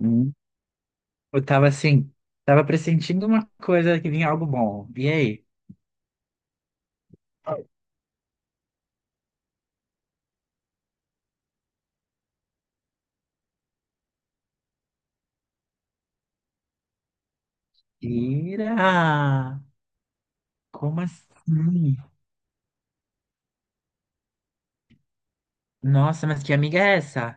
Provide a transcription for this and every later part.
Hum. Eu tava pressentindo uma coisa que vinha algo bom. E aí? Ira! Como assim? Nossa, mas que amiga é essa?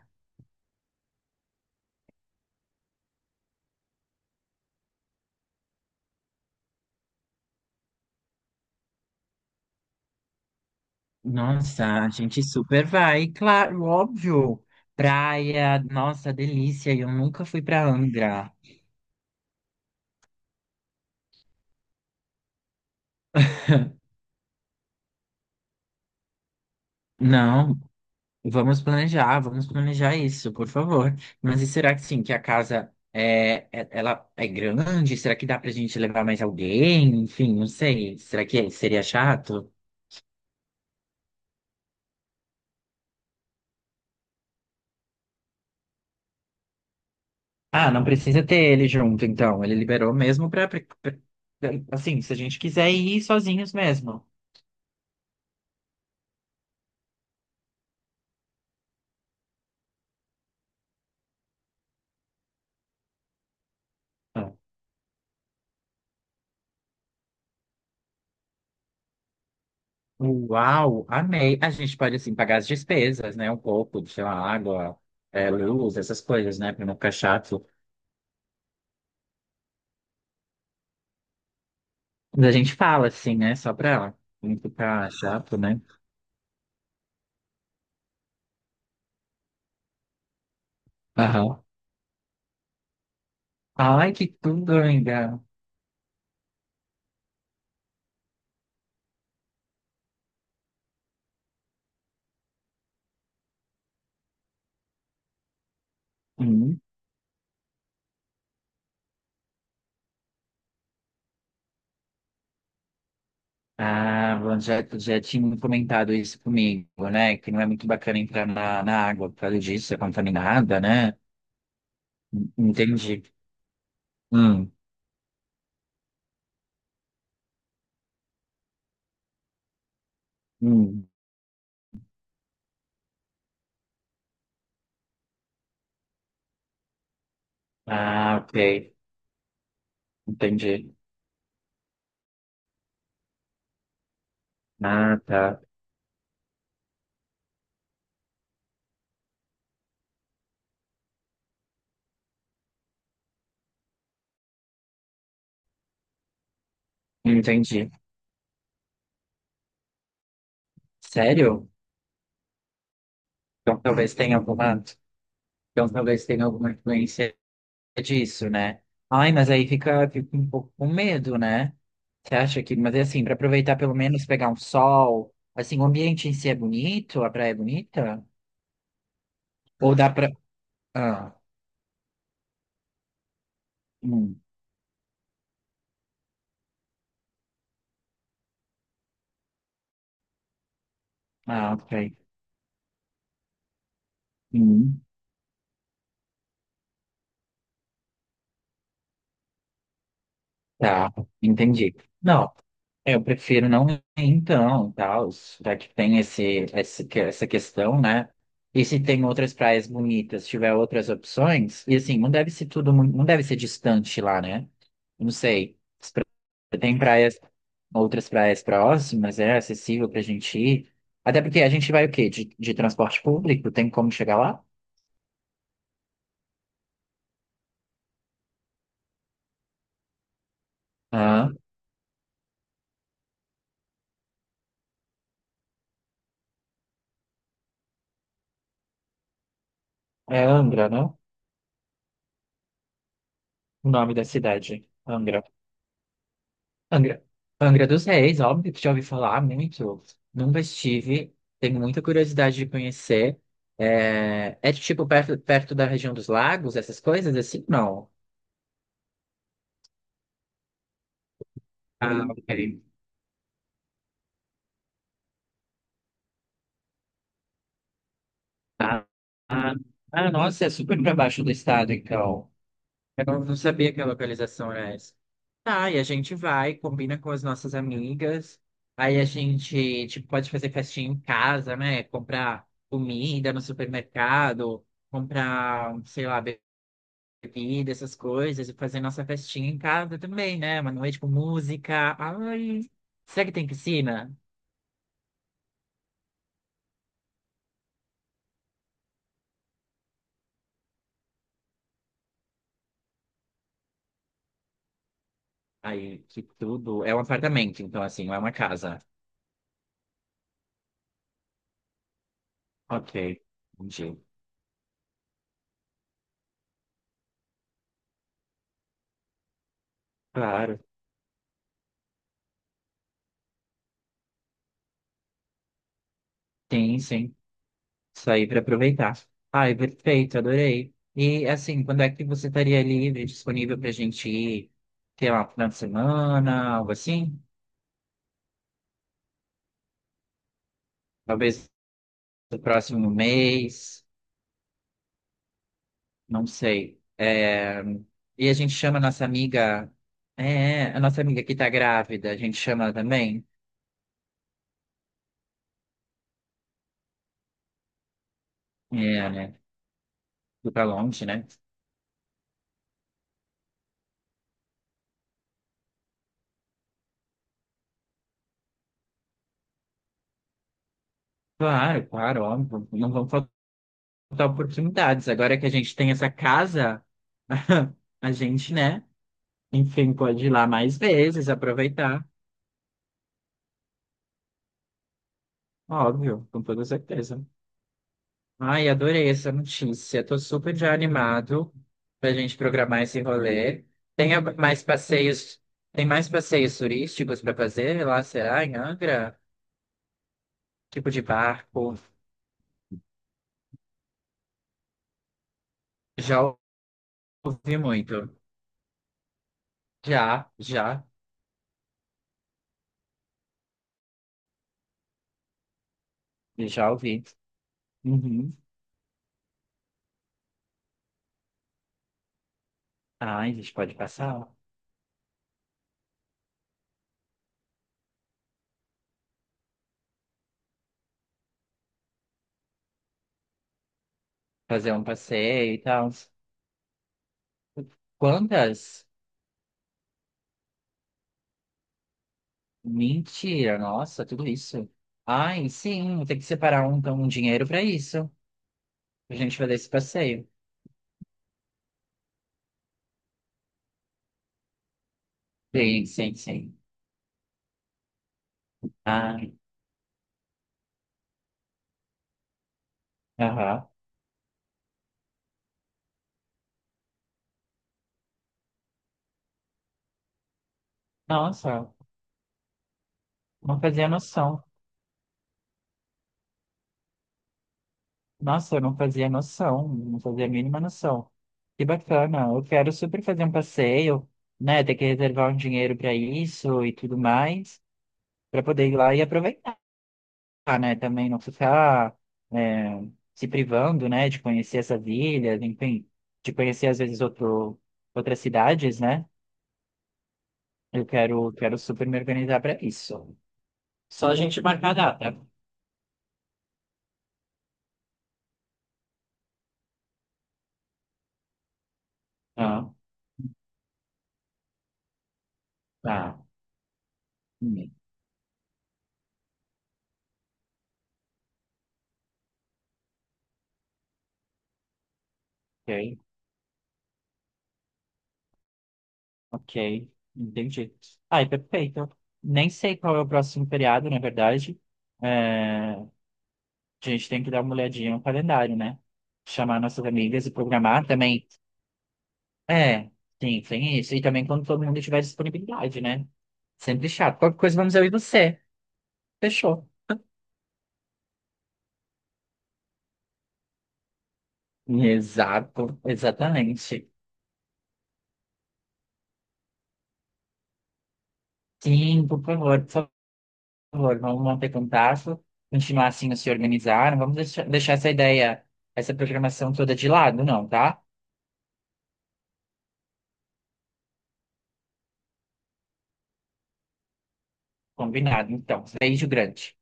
Nossa, a gente super vai, claro, óbvio. Praia, nossa, delícia. Eu nunca fui pra Angra. Não, vamos planejar, vamos planejar isso, por favor. Mas e será que sim, que a casa ela é grande? Será que dá pra gente levar mais alguém? Enfim, não sei. Será que seria chato? Ah, não precisa ter ele junto, então. Ele liberou mesmo pra assim, se a gente quiser ir sozinhos mesmo. Ah, uau, amei. A gente pode, assim, pagar as despesas, né? Um pouco, sei lá, água, luz, essas coisas, né? Pra não ficar chato. Mas a gente fala, assim, né? Só pra não ficar chato, né? Aham. Ai, que tudo, amiga. Uhum. Ah, bom, já tinha comentado isso comigo, né? Que não é muito bacana entrar na água por causa disso, é contaminada, né? Entendi. Hum, hum. Ah, ok. Entendi. Ah, tá. Entendi. Sério? Então talvez tenha alguma, então talvez tenha alguma influência disso, né? Ai, mas aí fica um pouco com medo, né? Você acha que, mas é assim, para aproveitar pelo menos pegar um sol, assim, o ambiente em si é bonito, a praia é bonita? Ou dá pra. Ah, hum, ah, ok. Hum, tá, entendi. Não, eu prefiro não ir então, tal, já que tem esse essa questão, né? E se tem outras praias bonitas, tiver outras opções, e assim, não deve ser tudo, não deve ser distante lá, né? Não sei. Tem praias, outras praias próximas, é acessível pra gente ir. Até porque a gente vai o quê? De transporte público? Tem como chegar lá? Ah, é Angra, né? O nome da cidade. Angra. Angra. Angra dos Reis, óbvio que já ouvi falar muito. Nunca estive. Tenho muita curiosidade de conhecer. É tipo perto da região dos lagos, essas coisas assim? Não. Ah, ok. Ah, ah, ah, nossa, é super pra baixo do estado, então. Eu não sabia que a localização era essa. Tá, e a gente vai, combina com as nossas amigas. Aí a gente, tipo, pode fazer festinha em casa, né? Comprar comida no supermercado, comprar, sei lá, bebida, essas coisas, e fazer nossa festinha em casa também, né? Uma noite com música. Ai, será que tem piscina? Aí, que tudo. É um apartamento, então, assim, não é uma casa. Ok, entendi. Claro. Tem, sim. Isso aí para aproveitar. Ai, perfeito, adorei. E assim, quando é que você estaria livre, disponível para a gente ir, sei lá, final de semana, algo assim? Talvez no próximo mês, não sei. É, e a gente chama a nossa amiga que tá grávida, a gente chama ela também. É, né? Ir pra longe, né? Claro, claro, óbvio. Não vão faltar oportunidades. Agora que a gente tem essa casa, a gente, né? Enfim, pode ir lá mais vezes, aproveitar. Óbvio, com toda certeza. Ai, adorei essa notícia. Tô super já animado pra gente programar esse rolê. Tem a- mais passeios, tem mais passeios turísticos para fazer lá, será? Em Angra? Tipo de barco? Já ouvi muito. Já, já, já ouvi. Uhum. Ai, a gente pode passar, fazer um passeio e tal. Quantas? Mentira, nossa, tudo isso. Ai, sim, tem que separar um dinheiro para isso. A gente fazer esse passeio. Sim, sim, sim. Ai, aham. Nossa, não fazia noção. Nossa, eu não fazia noção, não fazia a mínima noção. Que bacana, eu quero super fazer um passeio, né? Ter que reservar um dinheiro para isso e tudo mais, para poder ir lá e aproveitar. Né? Também não ficar é, se privando, né? De conhecer essas ilhas, enfim, de conhecer às vezes outras cidades, né? Eu quero super me organizar para isso. Só a gente marcar a data. Ah, tá. Hum. Ok, ok. Entendi. Ai, perfeito. Nem sei qual é o próximo feriado, na verdade. É, a gente tem que dar uma olhadinha no calendário, né? Chamar nossas amigas e programar também. É, sim, tem isso. E também quando todo mundo tiver disponibilidade, né? Sempre chato. Qualquer coisa, vamos eu e você. Fechou. Exato, exatamente. Sim, por favor, vamos manter contato, continuar assim a se organizar. Não vamos deixar essa ideia, essa programação toda de lado, não, tá? Combinado, então. Beijo grande.